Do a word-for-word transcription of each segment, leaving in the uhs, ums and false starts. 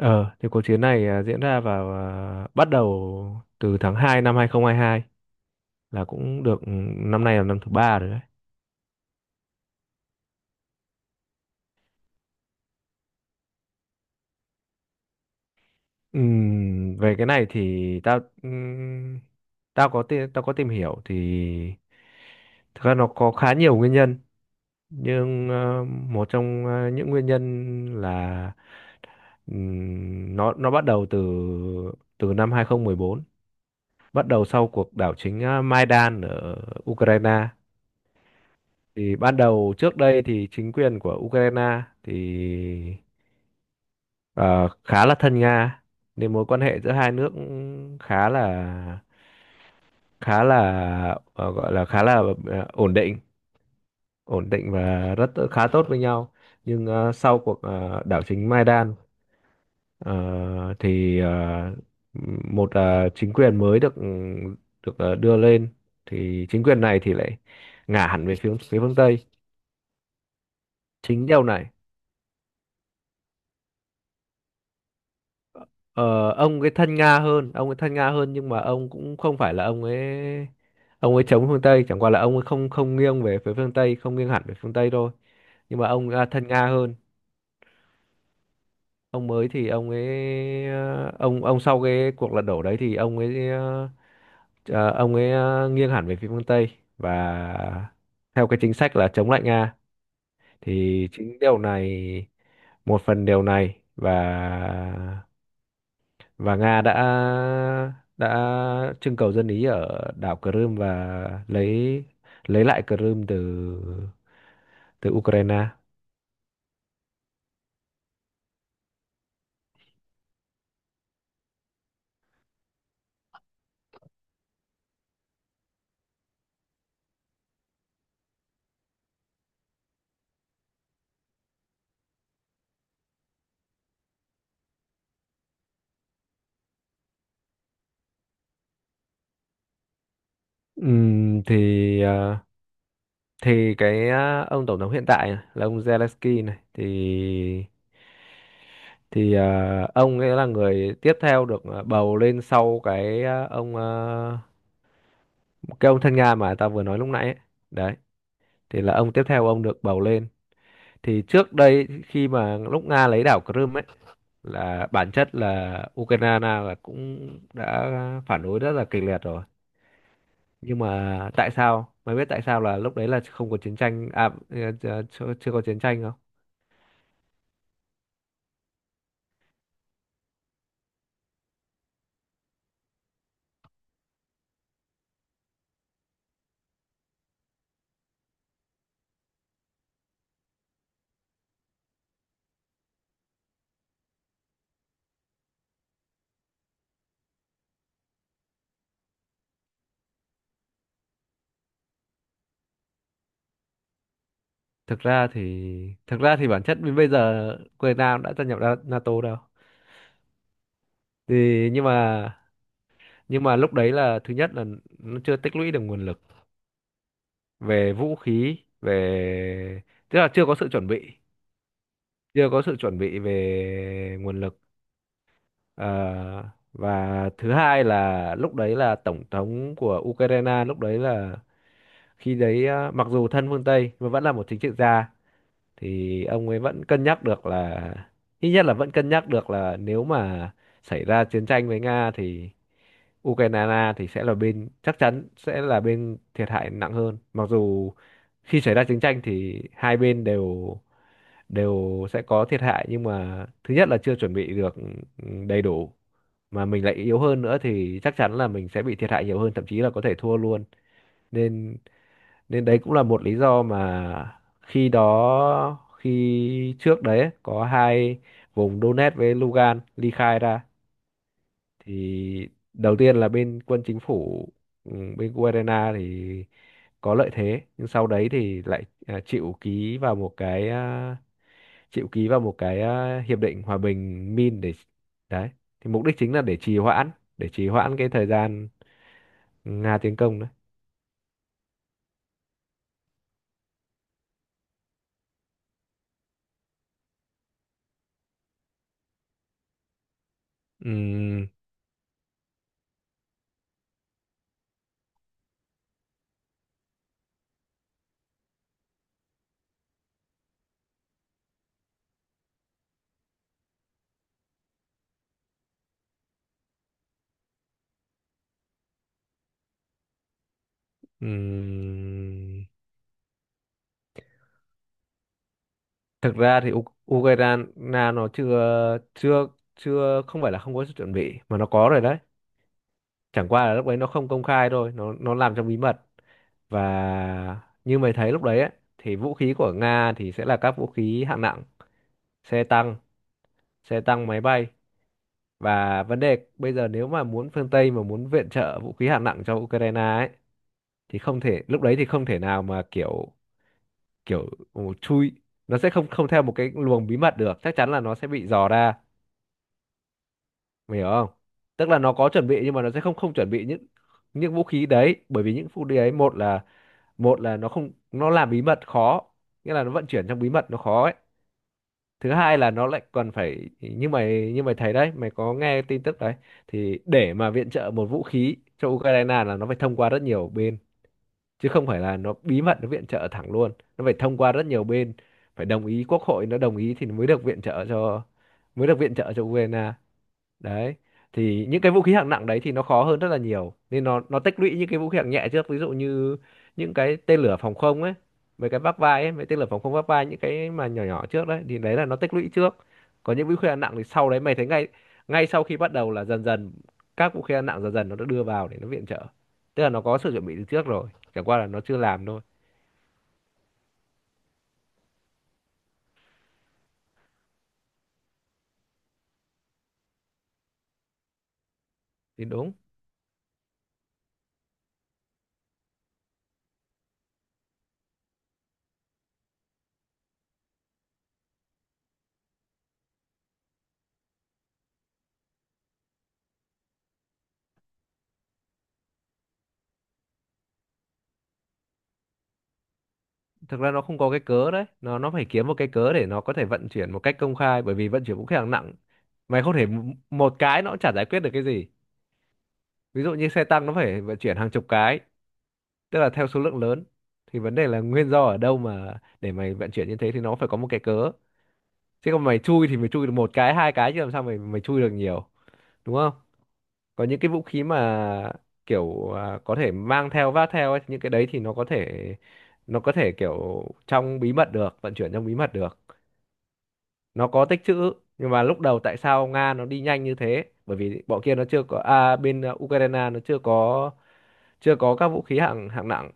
Ờ, thì cuộc chiến này à, diễn ra vào à, bắt đầu từ tháng hai năm hai không hai hai là cũng được ừ, năm nay là năm thứ ba rồi đấy. Ừm, về cái này thì tao ừm, tao có tìm, tao có tìm hiểu thì thực ra nó có khá nhiều nguyên nhân, nhưng ờ, một trong ờ, những nguyên nhân là, ừm, nó nó bắt đầu từ, từ năm hai không một bốn, bắt đầu sau cuộc đảo chính ờ, Maidan ở Ukraine. Thì ban đầu trước đây thì chính quyền của Ukraine thì ờ, khá là thân Nga, nên mối quan hệ giữa hai nước cũng khá là, khá là ờ, gọi là khá là, ờ, ổn định, ổn định và rất khá tốt với nhau, nhưng ờ, sau cuộc ờ, đảo chính Maidan, ờ, thì ờ, một ờ, chính quyền mới được được ờ, đưa lên. Thì chính quyền này thì lại ngả hẳn về phía phía phương Tây. Chính điều này. Ờ, ông ấy thân Nga hơn, ông ấy thân Nga hơn, nhưng mà ông cũng không phải là ông ấy, ông ấy chống phương Tây, chẳng qua là ông ấy không không nghiêng về phía phương Tây, không nghiêng hẳn về phương Tây thôi. Nhưng mà ông à, thân Nga hơn. Ông mới thì ông ấy ờ, ông ông sau cái cuộc lật đổ đấy thì ông ấy ờ, ờ, ông ấy ờ, nghiêng hẳn về phía phương Tây, và theo cái chính sách là chống lại Nga, thì chính điều này, một phần điều này, và và Nga đã, đã trưng cầu dân Ý ở đảo Crimea, và lấy lấy lại Crimea từ từ Ukraine. Ừm, thì ờ, thì cái ờ, ông tổng thống hiện tại này, là ông Zelensky này thì thì ờ, ông ấy là người tiếp theo được ờ, bầu lên sau cái ờ, ông, ờ, cái ông thân Nga mà ta vừa nói lúc nãy ấy. Đấy, thì là ông tiếp theo ông được bầu lên. Thì trước đây khi mà lúc Nga lấy đảo Crimea ấy, là bản chất là Ukraine là cũng đã phản đối rất là kịch liệt rồi, nhưng mà tại sao mày biết, tại sao là lúc đấy là không có chiến tranh à, ờ, ờ, chưa, chưa có chiến tranh, không? Thực ra thì thực ra thì bản chất đến bây giờ Ukraine cũng đã gia nhập Na- NATO đâu. Thì, nhưng mà nhưng mà lúc đấy là, thứ nhất là nó chưa tích lũy được nguồn lực về vũ khí, về, tức là chưa có sự chuẩn bị, chưa có sự chuẩn bị về nguồn lực. Ờ, và thứ hai là, lúc đấy là tổng thống của Ukraine lúc đấy là, khi đấy ờ, mặc dù thân phương Tây nhưng mà vẫn là một chính trị gia, thì ông ấy vẫn cân nhắc được là, ít nhất là vẫn cân nhắc được là nếu mà xảy ra chiến tranh với Nga thì Ukraine thì sẽ là bên, chắc chắn sẽ là bên thiệt hại nặng hơn. Mặc dù khi xảy ra chiến tranh thì hai bên đều, đều sẽ có thiệt hại, nhưng mà thứ nhất là chưa chuẩn bị được, ừ, đầy đủ, mà mình lại yếu hơn nữa thì chắc chắn là mình sẽ bị thiệt hại nhiều hơn, thậm chí là có thể thua luôn. Nên, nên đấy cũng là một lý do mà khi đó, khi trước đấy ấy, có hai vùng Donetsk với Lugan ly khai ra. Thì đầu tiên là bên quân chính phủ, ừ, bên Ukraine thì có lợi thế, nhưng sau đấy thì lại à, chịu ký vào một cái à, chịu ký vào một cái à, hiệp định hòa bình Min để, đấy thì mục đích chính là để trì hoãn, để trì hoãn cái thời gian Nga tiến công đấy. Ừm, ừm, Thực ra thì U- Ukraine nó chưa chưa chưa không phải là không có sự chuẩn bị, mà nó có rồi đấy, chẳng qua là lúc đấy nó không công khai thôi, nó nó làm trong bí mật. Và như mày thấy lúc đấy ấy, thì vũ khí của Nga thì sẽ là các vũ khí hạng nặng, xe tăng, xe tăng máy bay. Và vấn đề bây giờ, nếu mà muốn, phương Tây mà muốn viện trợ vũ khí hạng nặng cho Ukraine ấy, thì không thể, lúc đấy thì không thể nào mà kiểu, kiểu chui, nó sẽ không không theo một cái luồng bí mật được, chắc chắn là nó sẽ bị dò ra, mày hiểu không? Tức là nó có chuẩn bị, nhưng mà nó sẽ không không chuẩn bị những những vũ khí đấy, bởi vì những vũ khí đấy, một là, một là nó không, nó làm bí mật khó, nghĩa là nó vận chuyển trong bí mật nó khó ấy. Thứ hai là nó lại còn phải, như mày, như mày thấy đấy, mày có nghe tin tức đấy, thì để mà viện trợ một vũ khí cho Ukraine là nó phải thông qua rất nhiều bên, chứ không phải là nó bí mật nó viện trợ thẳng luôn, nó phải thông qua rất nhiều bên, phải đồng ý, quốc hội nó đồng ý thì mới được viện trợ cho, mới được viện trợ cho Ukraine. Đấy, thì những cái vũ khí hạng nặng đấy thì nó khó hơn rất là nhiều, nên nó nó tích lũy những cái vũ khí hạng nhẹ trước, ví dụ như những cái tên lửa phòng không ấy, mấy cái vác vai ấy, mấy tên lửa phòng không vác vai, những cái mà nhỏ nhỏ trước đấy thì đấy là nó tích lũy trước. Còn những vũ khí hạng nặng thì sau đấy mày thấy, ngay ngay sau khi bắt đầu là dần dần các vũ khí hạng nặng dần dần nó đã đưa vào để nó viện trợ, tức là nó có sự chuẩn bị từ trước rồi, chẳng qua là nó chưa làm thôi. Thì đúng. Thực ra nó không có cái cớ đấy, nó nó phải kiếm một cái cớ để nó có thể vận chuyển một cách công khai, bởi vì vận chuyển vũ khí hạng nặng, mày không thể m- một cái nó cũng chả giải quyết được cái gì. Ví dụ như xe tăng, nó phải vận chuyển hàng chục cái, tức là theo số lượng lớn, thì vấn đề là nguyên do ở đâu mà để mày vận chuyển như thế, thì nó phải có một cái cớ. Chứ còn mày chui thì mày chui được một cái, hai cái, chứ làm sao mày mày chui được nhiều, đúng không? Có những cái vũ khí mà kiểu à, có thể mang theo vác theo ấy, những cái đấy thì nó có thể, nó có thể kiểu trong bí mật được, vận chuyển trong bí mật được, nó có tích trữ. Nhưng mà lúc đầu tại sao Nga nó đi nhanh như thế, bởi vì bọn kia nó chưa có, à, bên ờ, Ukraine nó chưa có, chưa có các vũ khí hạng hạng nặng.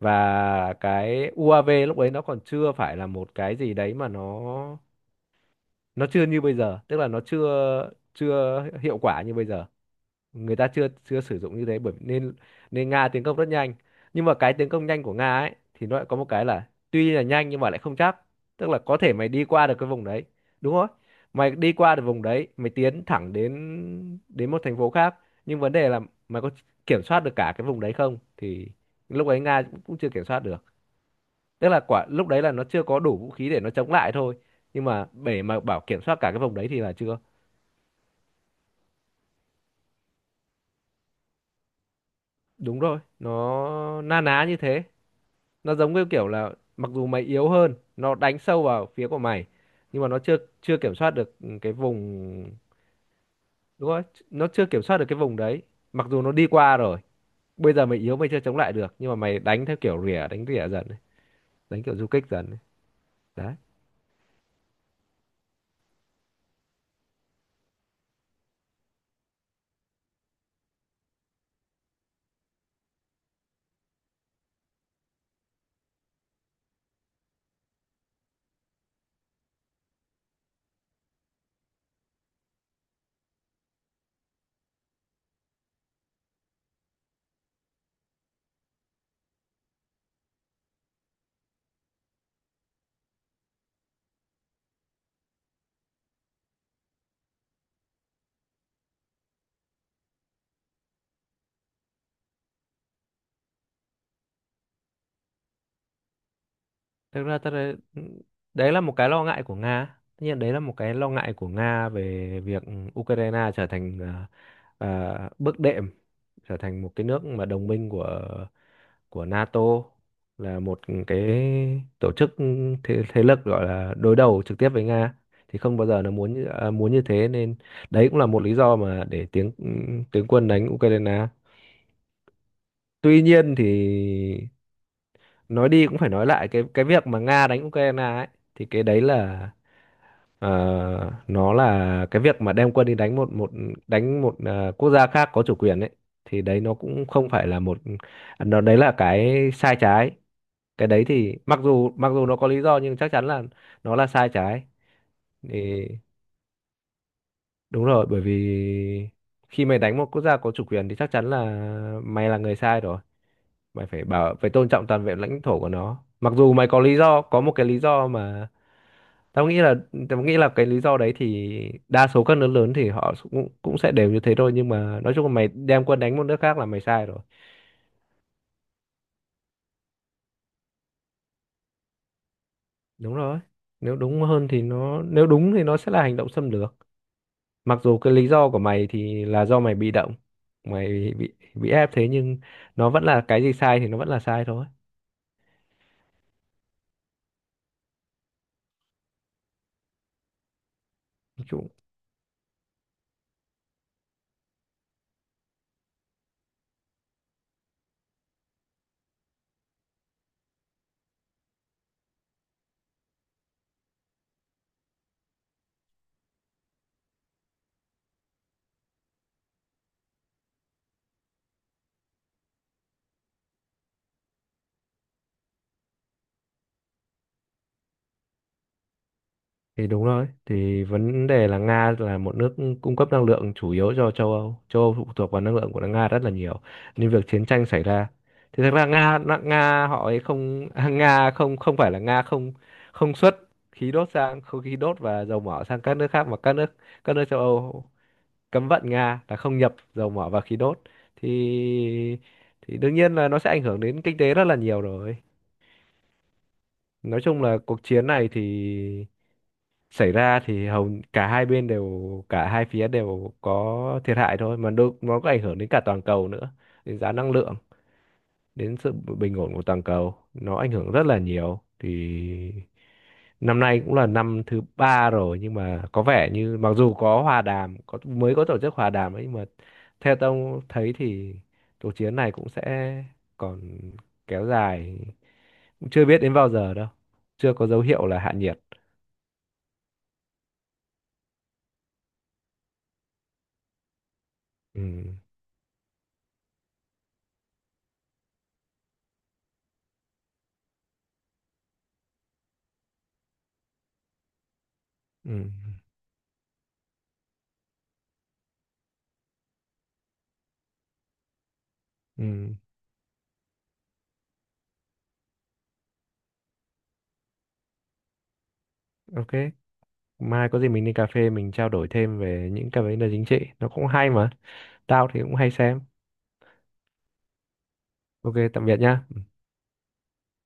Và cái u a vê lúc đấy nó còn chưa phải là một cái gì đấy mà nó, nó chưa như bây giờ, tức là nó chưa chưa hiệu quả như bây giờ, người ta chưa chưa sử dụng như thế, bởi nên, nên Nga tiến công rất nhanh. Nhưng mà cái tiến công nhanh của Nga ấy thì nó lại có một cái là tuy là nhanh nhưng mà lại không chắc, tức là có thể mày đi qua được cái vùng đấy, đúng không? Mày đi qua được vùng đấy, mày tiến thẳng đến, đến một thành phố khác, nhưng vấn đề là mày có kiểm soát được cả cái vùng đấy không, thì lúc ấy Nga cũng, cũng chưa kiểm soát được, tức là quả lúc đấy là nó chưa có đủ vũ khí để nó chống lại thôi, nhưng mà để mà bảo kiểm soát cả cái vùng đấy thì là chưa. Đúng rồi, nó na ná như thế. Nó giống như kiểu là, mặc dù mày yếu hơn, nó đánh sâu vào phía của mày, nhưng mà nó chưa chưa kiểm soát được cái vùng, đúng không? Nó chưa kiểm soát được cái vùng đấy, mặc dù nó đi qua rồi. Bây giờ mày yếu, mày chưa chống lại được, nhưng mà mày đánh theo kiểu rỉa, đánh rỉa dần này, đánh kiểu du kích dần này. Đấy. Thực ra ta đấy, đấy là một cái lo ngại của Nga, tất nhiên đấy là một cái lo ngại của Nga về việc Ukraine trở thành ờ, ờ, bước đệm, trở thành một cái nước mà đồng minh của, của NATO là một cái tổ chức, thế, thế lực gọi là đối đầu trực tiếp với Nga, thì không bao giờ nó muốn như, à, muốn như thế, nên đấy cũng là một lý do mà để tiếng tướng quân đánh Ukraine. Tuy nhiên thì, nói đi cũng phải nói lại, cái cái việc mà Nga đánh Ukraine ấy, thì cái đấy là, ờ, nó là cái việc mà đem quân đi đánh một, một đánh một ờ, quốc gia khác có chủ quyền ấy, thì đấy nó cũng không phải là một, nó đấy là cái sai trái. Cái đấy thì, mặc dù mặc dù nó có lý do, nhưng chắc chắn là nó là sai trái. Thì đúng rồi, bởi vì khi mày đánh một quốc gia có chủ quyền thì chắc chắn là mày là người sai rồi, mày phải bảo, phải tôn trọng toàn vẹn lãnh thổ của nó, mặc dù mày có lý do, có một cái lý do mà, tao nghĩ là, tao nghĩ là cái lý do đấy thì đa số các nước lớn thì họ cũng cũng sẽ đều như thế thôi, nhưng mà nói chung là mày đem quân đánh một nước khác là mày sai rồi. Đúng rồi, nếu đúng hơn thì nó, nếu đúng thì nó sẽ là hành động xâm lược, mặc dù cái lý do của mày thì là do mày bị động, mày bị bị ép thế, nhưng nó vẫn là cái gì sai thì nó vẫn là sai thôi. Nói chung, thì đúng rồi, thì vấn đề là Nga là một nước cung cấp năng lượng chủ yếu cho châu Âu, châu Âu phụ thuộc vào năng lượng của Nga rất là nhiều, nên việc chiến tranh xảy ra thì, thật ra Nga Nga họ ấy không, Nga không không phải là Nga không, không xuất khí đốt sang, không, khí đốt và dầu mỏ sang các nước khác, mà các nước, các nước châu Âu cấm vận Nga là không nhập dầu mỏ và khí đốt, thì thì đương nhiên là nó sẽ ảnh hưởng đến kinh tế rất là nhiều rồi. Nói chung là cuộc chiến này thì xảy ra thì hầu cả hai bên đều, cả hai phía đều có thiệt hại thôi mà, đôi, nó có ảnh hưởng đến cả toàn cầu nữa, đến giá năng lượng, đến sự bình ổn của toàn cầu, nó ảnh hưởng rất là nhiều. Thì năm nay cũng là năm thứ ba rồi, nhưng mà có vẻ như mặc dù có hòa đàm, có mới có tổ chức hòa đàm ấy, nhưng mà theo tôi thấy thì cuộc chiến này cũng sẽ còn kéo dài, cũng chưa biết đến bao giờ đâu, chưa có dấu hiệu là hạ nhiệt. Ừ. Ừ. Ừ. OK, mai có gì mình đi cà phê mình trao đổi thêm về những cái vấn đề chính trị, nó cũng hay mà. Tao thì cũng hay xem. OK, tạm biệt nhá.